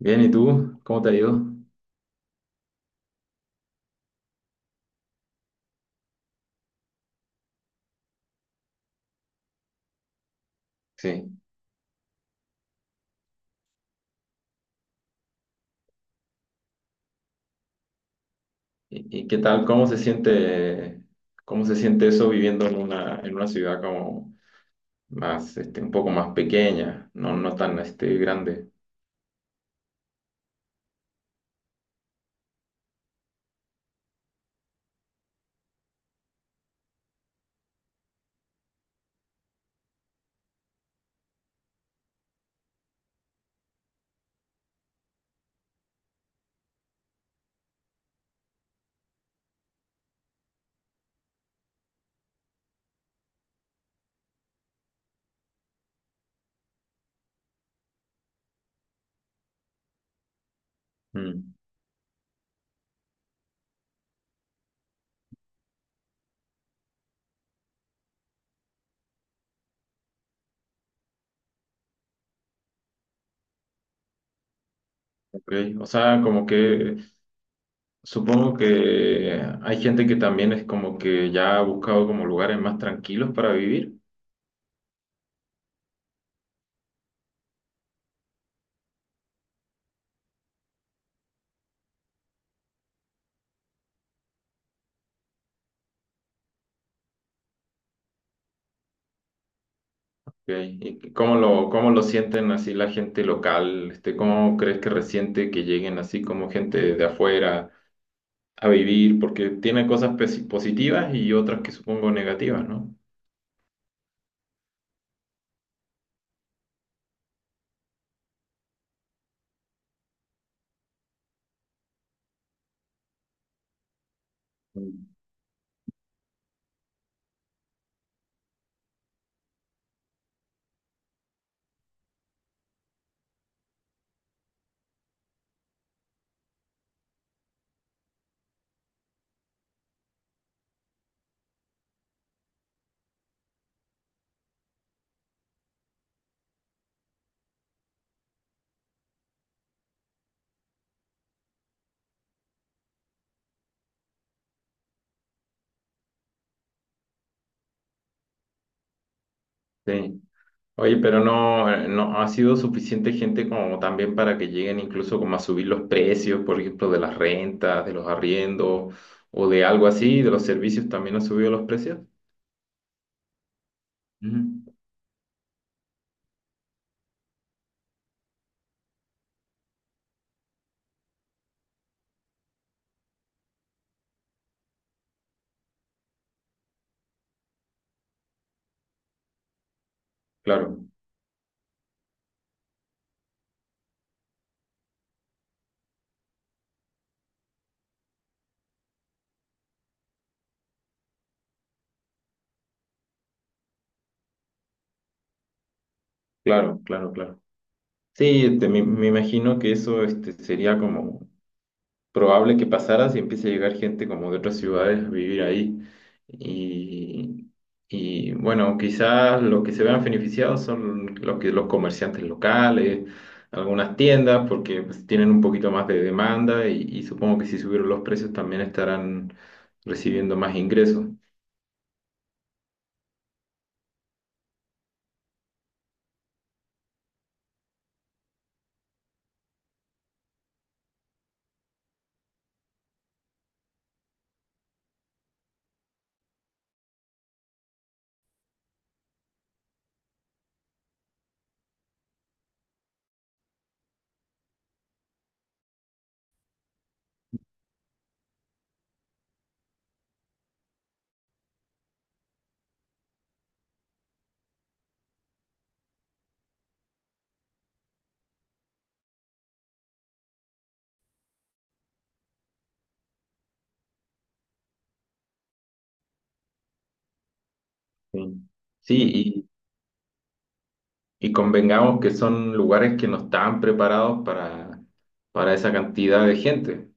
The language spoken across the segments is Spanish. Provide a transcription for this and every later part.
Bien, ¿y tú? ¿Cómo te ha ido? Sí. ¿Y qué tal? Cómo se siente eso viviendo en una ciudad como más, un poco más pequeña, no, no tan, grande? Mm. ok. O sea, como que supongo que hay gente que también es como que ya ha buscado como lugares más tranquilos para vivir. Ok. ¿Y cómo lo sienten así la gente local? ¿Cómo crees que resiente que lleguen así como gente de afuera a vivir, porque tiene cosas positivas y otras que supongo negativas, ¿no? Mm. Sí. Oye, pero no, no ha sido suficiente gente como también para que lleguen incluso como a subir los precios, por ejemplo, de las rentas, de los arriendos o de algo así, de los servicios también han subido los precios. Mm. Claro, claro, claro, claro. Sí, me, me imagino que eso sería como probable que pasara si empieza a llegar gente como de otras ciudades a vivir ahí. Y, y, bueno, quizás lo que se vean beneficiados son los que, los comerciantes locales, algunas tiendas, porque pues, tienen un poquito más de demanda y supongo que si subieron los precios también estarán recibiendo más ingresos. Sí. Sí, y convengamos que son lugares que no estaban preparados para esa cantidad de gente.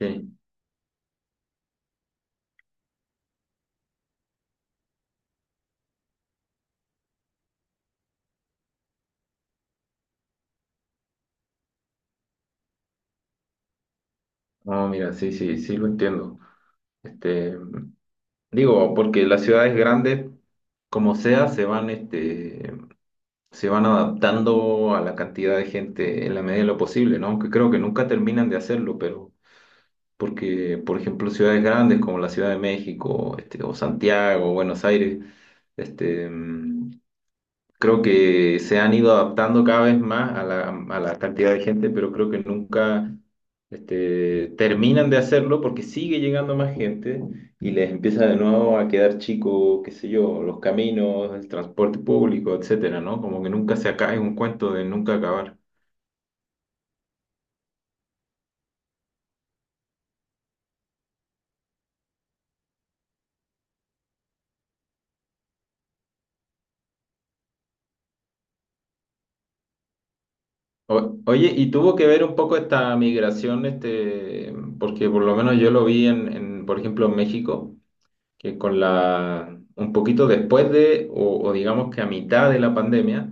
Sí. No, mira, sí, sí, sí lo entiendo. Este, digo, porque las ciudades grandes, como sea, se van, se van adaptando a la cantidad de gente en la medida de lo posible, ¿no? Aunque creo que nunca terminan de hacerlo, pero porque, por ejemplo, ciudades grandes como la Ciudad de México, o Santiago, Buenos Aires, este, creo que se han ido adaptando cada vez más a la cantidad de gente, pero creo que nunca terminan de hacerlo porque sigue llegando más gente y les empieza de nuevo a quedar chico, qué sé yo, los caminos, el transporte público, etcétera, ¿no? Como que nunca se acaba, es un cuento de nunca acabar. O- oye, y tuvo que ver un poco esta migración, porque por lo menos yo lo vi en, por ejemplo, en México, que con la, un poquito después de, o digamos que a mitad de la pandemia,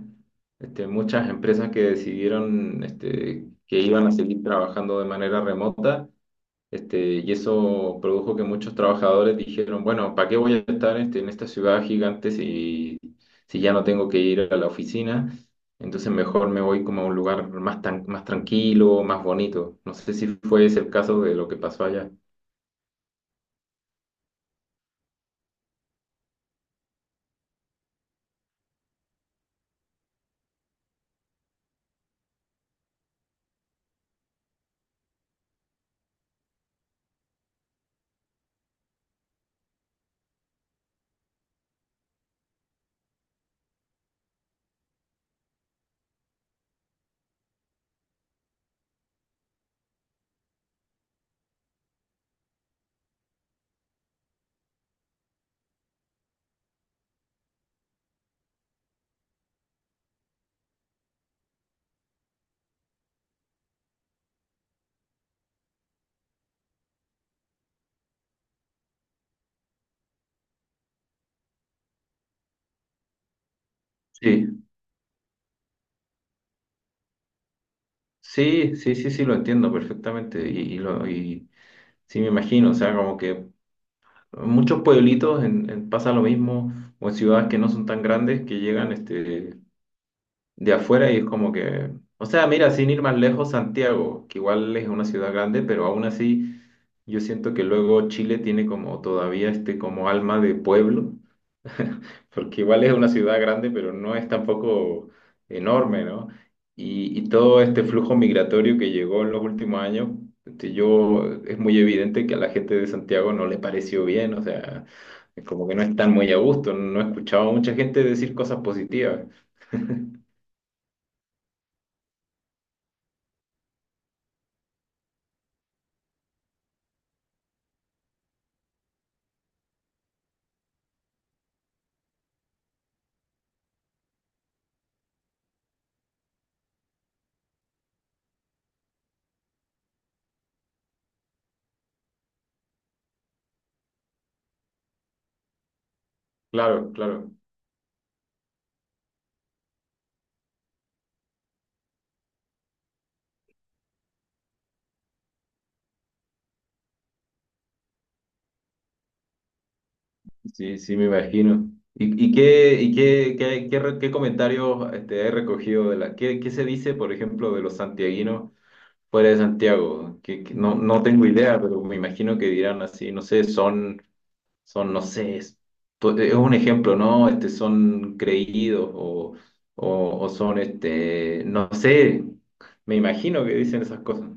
muchas empresas que decidieron que iban a seguir trabajando de manera remota, y eso produjo que muchos trabajadores dijeron, bueno, ¿para qué voy a estar en esta ciudad gigante si, si ya no tengo que ir a la oficina? Entonces mejor me voy como a un lugar más, tan, más tranquilo, más bonito. No sé si fue ese el caso de lo que pasó allá. Sí. Sí, sí, sí, sí, lo entiendo perfectamente y lo, y sí me imagino, o sea, como que en muchos pueblitos en pasa lo mismo o en ciudades que no son tan grandes que llegan de afuera y es como que, o sea, mira, sin ir más lejos, Santiago, que igual es una ciudad grande, pero aún así yo siento que luego Chile tiene como todavía este como alma de pueblo porque igual es una ciudad grande, pero no es tampoco enorme, ¿no? Y todo este flujo migratorio que llegó en los últimos años, es muy evidente que a la gente de Santiago no le pareció bien, o sea, como que no están muy a gusto, no he escuchado a mucha gente decir cosas positivas. Claro, claro, sí, sí, me imagino. Y qué, qué, qué, qué comentarios he recogido de la, qué, qué se dice, por ejemplo, de los santiaguinos fuera de Santiago, que no, no tengo idea, pero me imagino que dirán así, no sé, son, son, no sé, es, es un ejemplo, ¿no? Son creídos o son, no sé, me imagino que dicen esas cosas.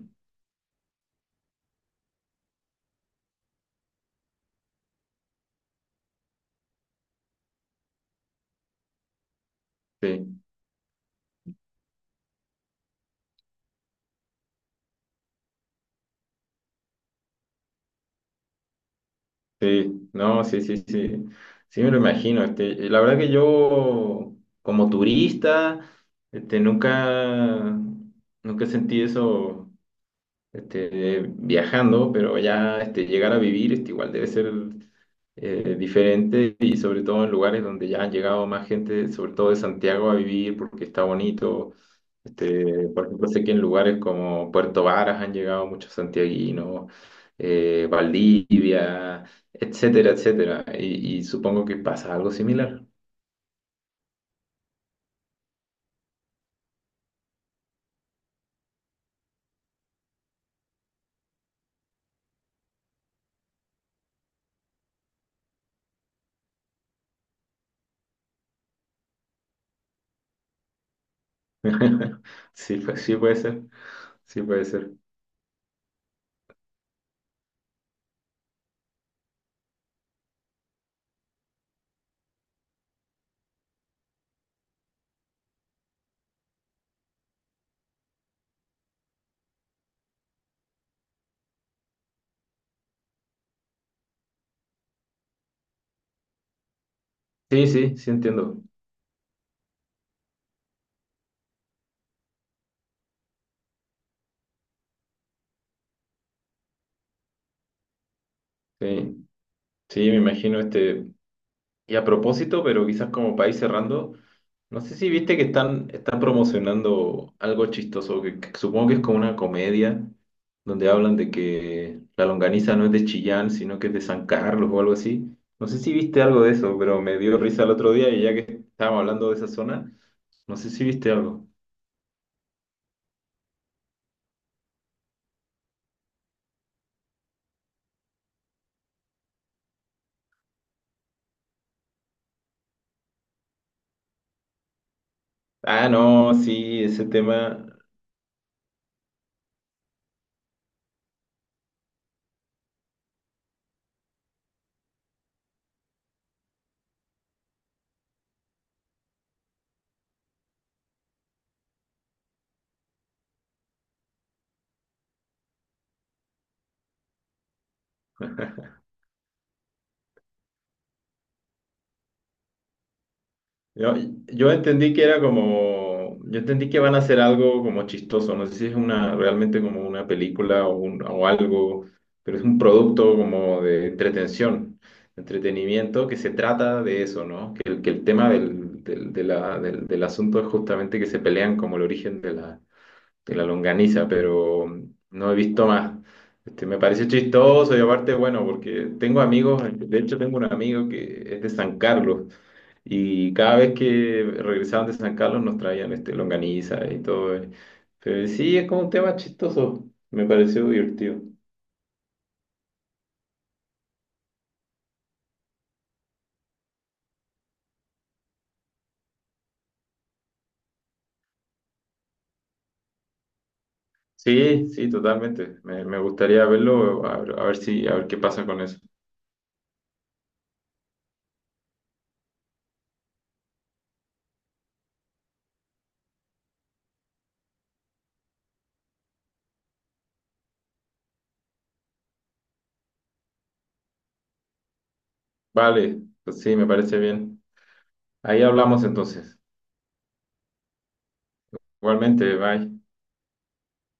Sí, sí, no, sí, sí, sí, sí me lo imagino, y la verdad que yo, como turista, nunca, nunca sentí eso viajando, pero ya llegar a vivir igual debe ser diferente y sobre todo en lugares donde ya han llegado más gente, sobre todo de Santiago, a vivir porque está bonito. Por ejemplo, sé que en lugares como Puerto Varas han llegado muchos santiaguinos, Valdivia, etcétera, etcétera. Y supongo que pasa algo similar. Sí, pues, sí puede ser, sí puede ser. Sí, sí, sí entiendo. Sí, sí, me imagino este. Y a propósito, pero quizás como país cerrando, no sé si viste que están, están promocionando algo chistoso, que supongo que es como una comedia, donde hablan de que la longaniza no es de Chillán, sino que es de San Carlos o algo así. No sé si viste algo de eso, pero me dio risa el otro día y ya que estábamos hablando de esa zona, no sé si viste algo. Ah, no, sí, ese tema. Yo, yo entendí que era como, yo entendí que van a hacer algo como chistoso, no sé si es una, realmente como una película o, o algo, pero es un producto como de entretención, entretenimiento que se trata de eso, ¿no? Que, que el tema del, del, de del, del asunto es justamente que se pelean como el origen de la longaniza, pero no he visto más. Me parece chistoso y aparte, bueno, porque tengo amigos, de hecho tengo un amigo que es de San Carlos. Y cada vez que regresaban de San Carlos nos traían longaniza y todo. Pero sí, es como un tema chistoso. Me pareció divertido. Sí, sí, totalmente. Me gustaría verlo, a ver si, a ver qué pasa con eso. Vale, pues sí, me parece bien. Ahí hablamos entonces. Igualmente, bye.